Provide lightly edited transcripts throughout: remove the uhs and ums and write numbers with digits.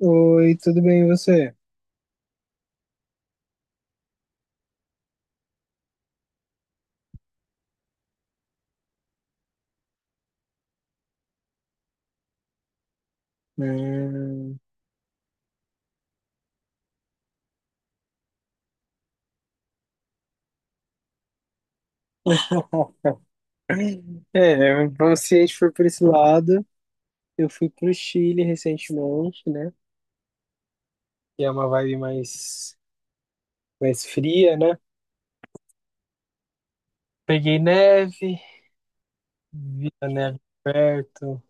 Oi, tudo bem, e você? Hum. É, vamos se a gente for por esse lado, eu fui pro Chile recentemente, né? Que é uma vibe mais fria, né? Peguei neve, vi a neve perto,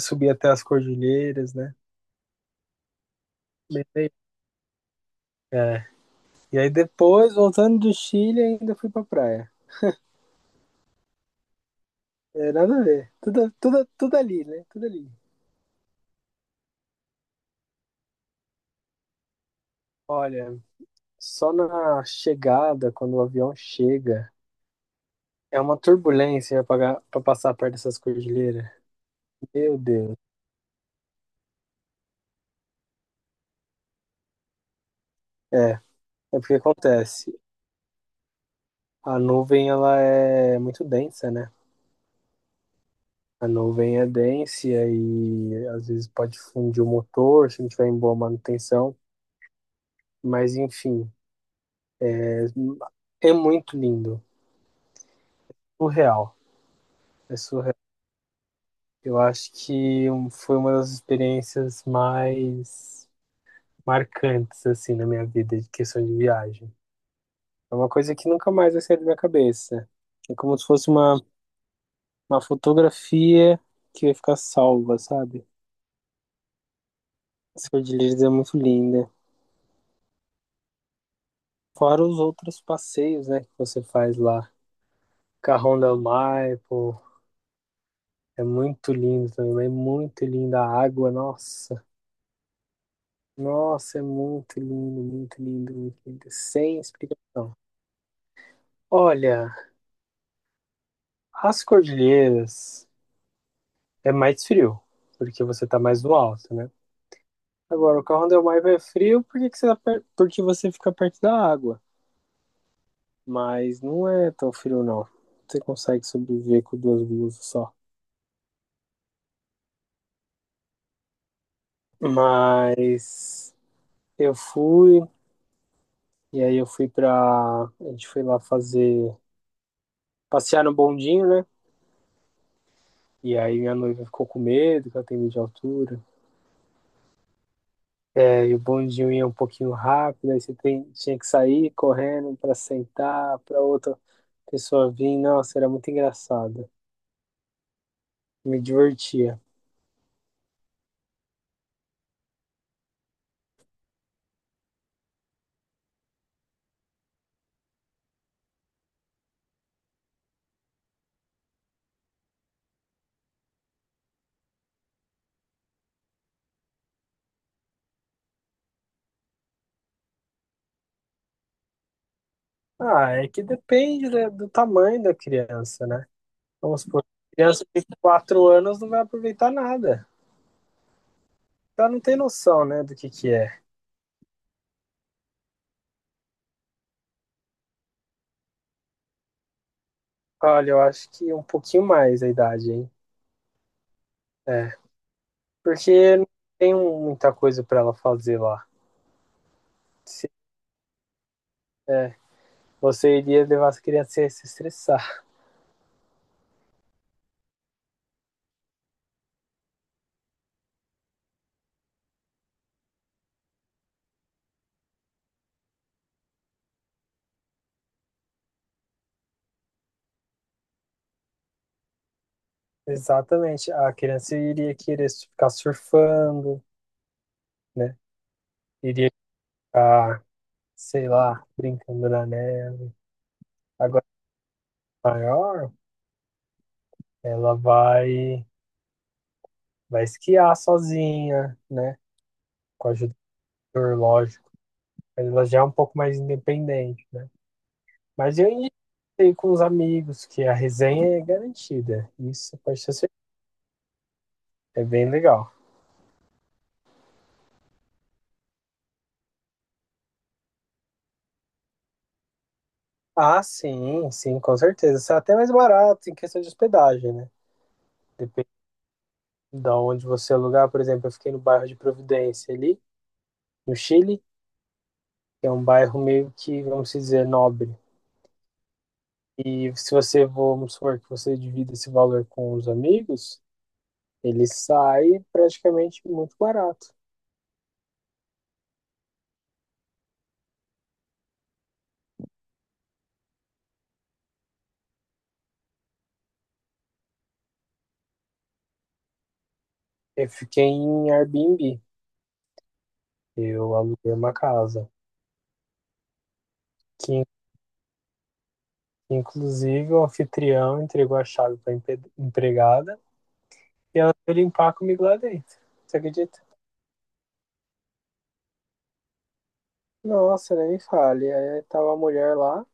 subi até as cordilheiras, né? Bem legal. É. E aí depois, voltando do Chile, ainda fui pra praia. É, nada a ver. Tudo, tudo, tudo ali, né? Tudo ali. Olha, só na chegada, quando o avião chega. É uma turbulência para passar perto dessas cordilheiras. Meu Deus. É, é porque acontece. A nuvem ela é muito densa, né? A nuvem é densa e às vezes pode fundir o motor se não tiver em boa manutenção. Mas enfim, é muito lindo. Surreal. É surreal. Eu acho que foi uma das experiências mais marcantes assim na minha vida de questão de viagem. É uma coisa que nunca mais vai sair da minha cabeça. É como se fosse uma fotografia que vai ficar salva, sabe? As cordilheiras é muito linda. Fora os outros passeios, né, que você faz lá. Carrão del Mar, pô, é muito lindo também, mas é muito linda a água, nossa. Nossa, é muito lindo, muito lindo, muito lindo. Sem explicação. Olha, as cordilheiras é mais frio, porque você tá mais no alto, né? Agora, o carro Del Maivo é frio porque você fica perto da água. Mas não é tão frio, não. Você consegue sobreviver com duas blusas só. Mas eu fui, e aí eu fui pra. A gente foi lá fazer. Passear no bondinho, né? E aí minha noiva ficou com medo, que ela tem medo de altura. É, e aí o bondinho ia um pouquinho rápido, aí você tinha que sair correndo pra sentar, pra outra pessoa vir. Nossa, era muito engraçado. Me divertia. Ah, é que depende do tamanho da criança, né? Vamos supor, criança de 4 anos não vai aproveitar nada. Ela não tem noção, né, do que é. Olha, eu acho que um pouquinho mais a idade, hein? É, porque não tem muita coisa pra ela fazer lá. Se- é, você iria levar as crianças a se estressar. Exatamente. A criança iria querer ficar surfando, né? Iria ficar, sei lá, brincando na neve. Agora maior, ela vai esquiar sozinha, né? Com ajudador, lógico. Mas ela já é um pouco mais independente, né? Mas eu indiquei com os amigos que a resenha é garantida. Isso pode ser certeza. É bem legal. Ah, sim, sim, com certeza. Isso é até mais barato em questão de hospedagem, né? Depende de onde você alugar. Por exemplo, eu fiquei no bairro de Providência ali, no Chile. Que é um bairro meio que, vamos dizer, nobre. E se você, vamos supor, que você divida esse valor com os amigos, ele sai praticamente muito barato. Eu fiquei em Airbnb. Eu aluguei uma casa. Que, inclusive, o anfitrião entregou a chave para empregada e ela foi limpar comigo lá dentro. Você acredita? Nossa, nem me fale. Aí tava a mulher lá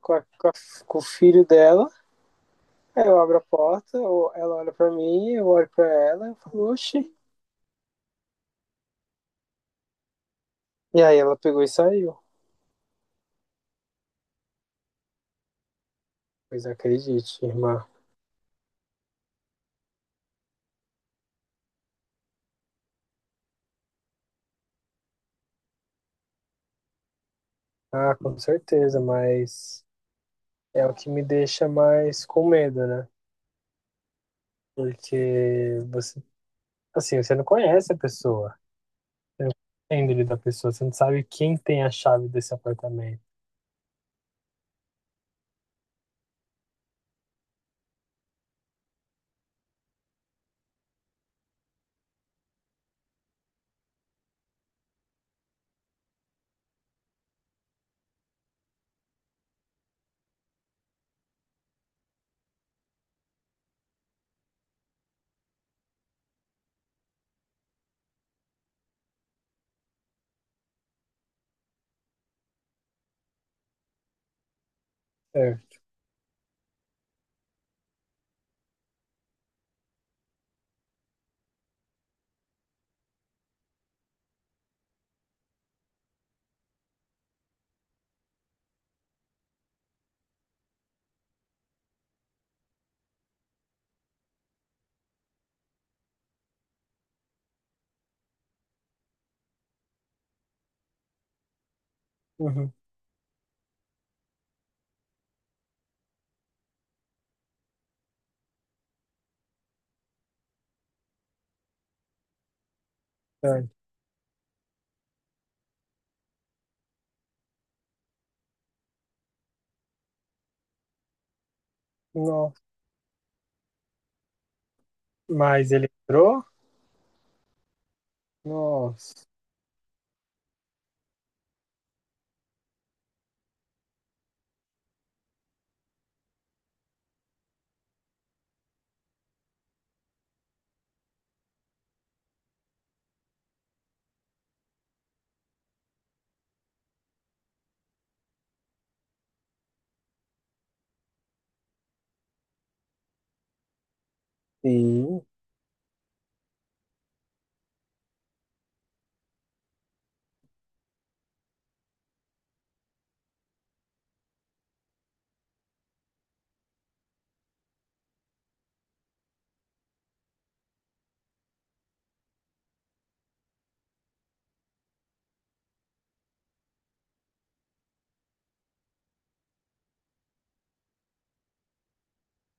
com o filho dela. Aí eu abro a porta, ou ela olha pra mim, eu olho pra ela e falo, oxi. E aí ela pegou e saiu. Pois acredite, irmã. Ah, com certeza, mas é o que me deixa mais com medo, né? Porque você, assim, você não conhece a pessoa, você não conhece a índole da pessoa, você não sabe quem tem a chave desse apartamento. É. Uhum. É. Nossa. Mas ele entrou? Nossa. Sim.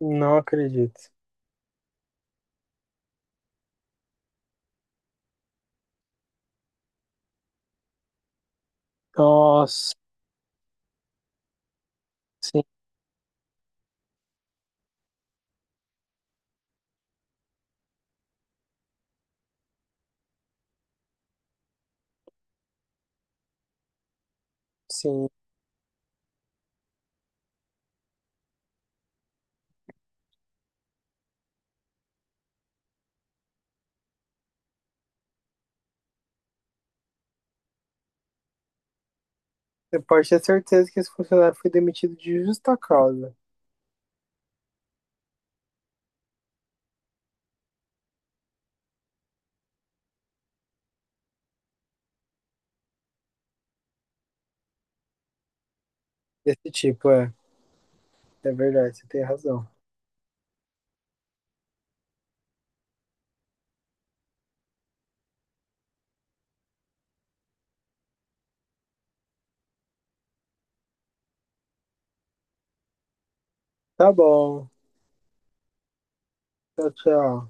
Não acredito. Nossa. Sim, sim. Você pode ter certeza que esse funcionário foi demitido de justa causa. Desse tipo, é. É verdade, você tem razão. Tá bom. Tchau, tchau.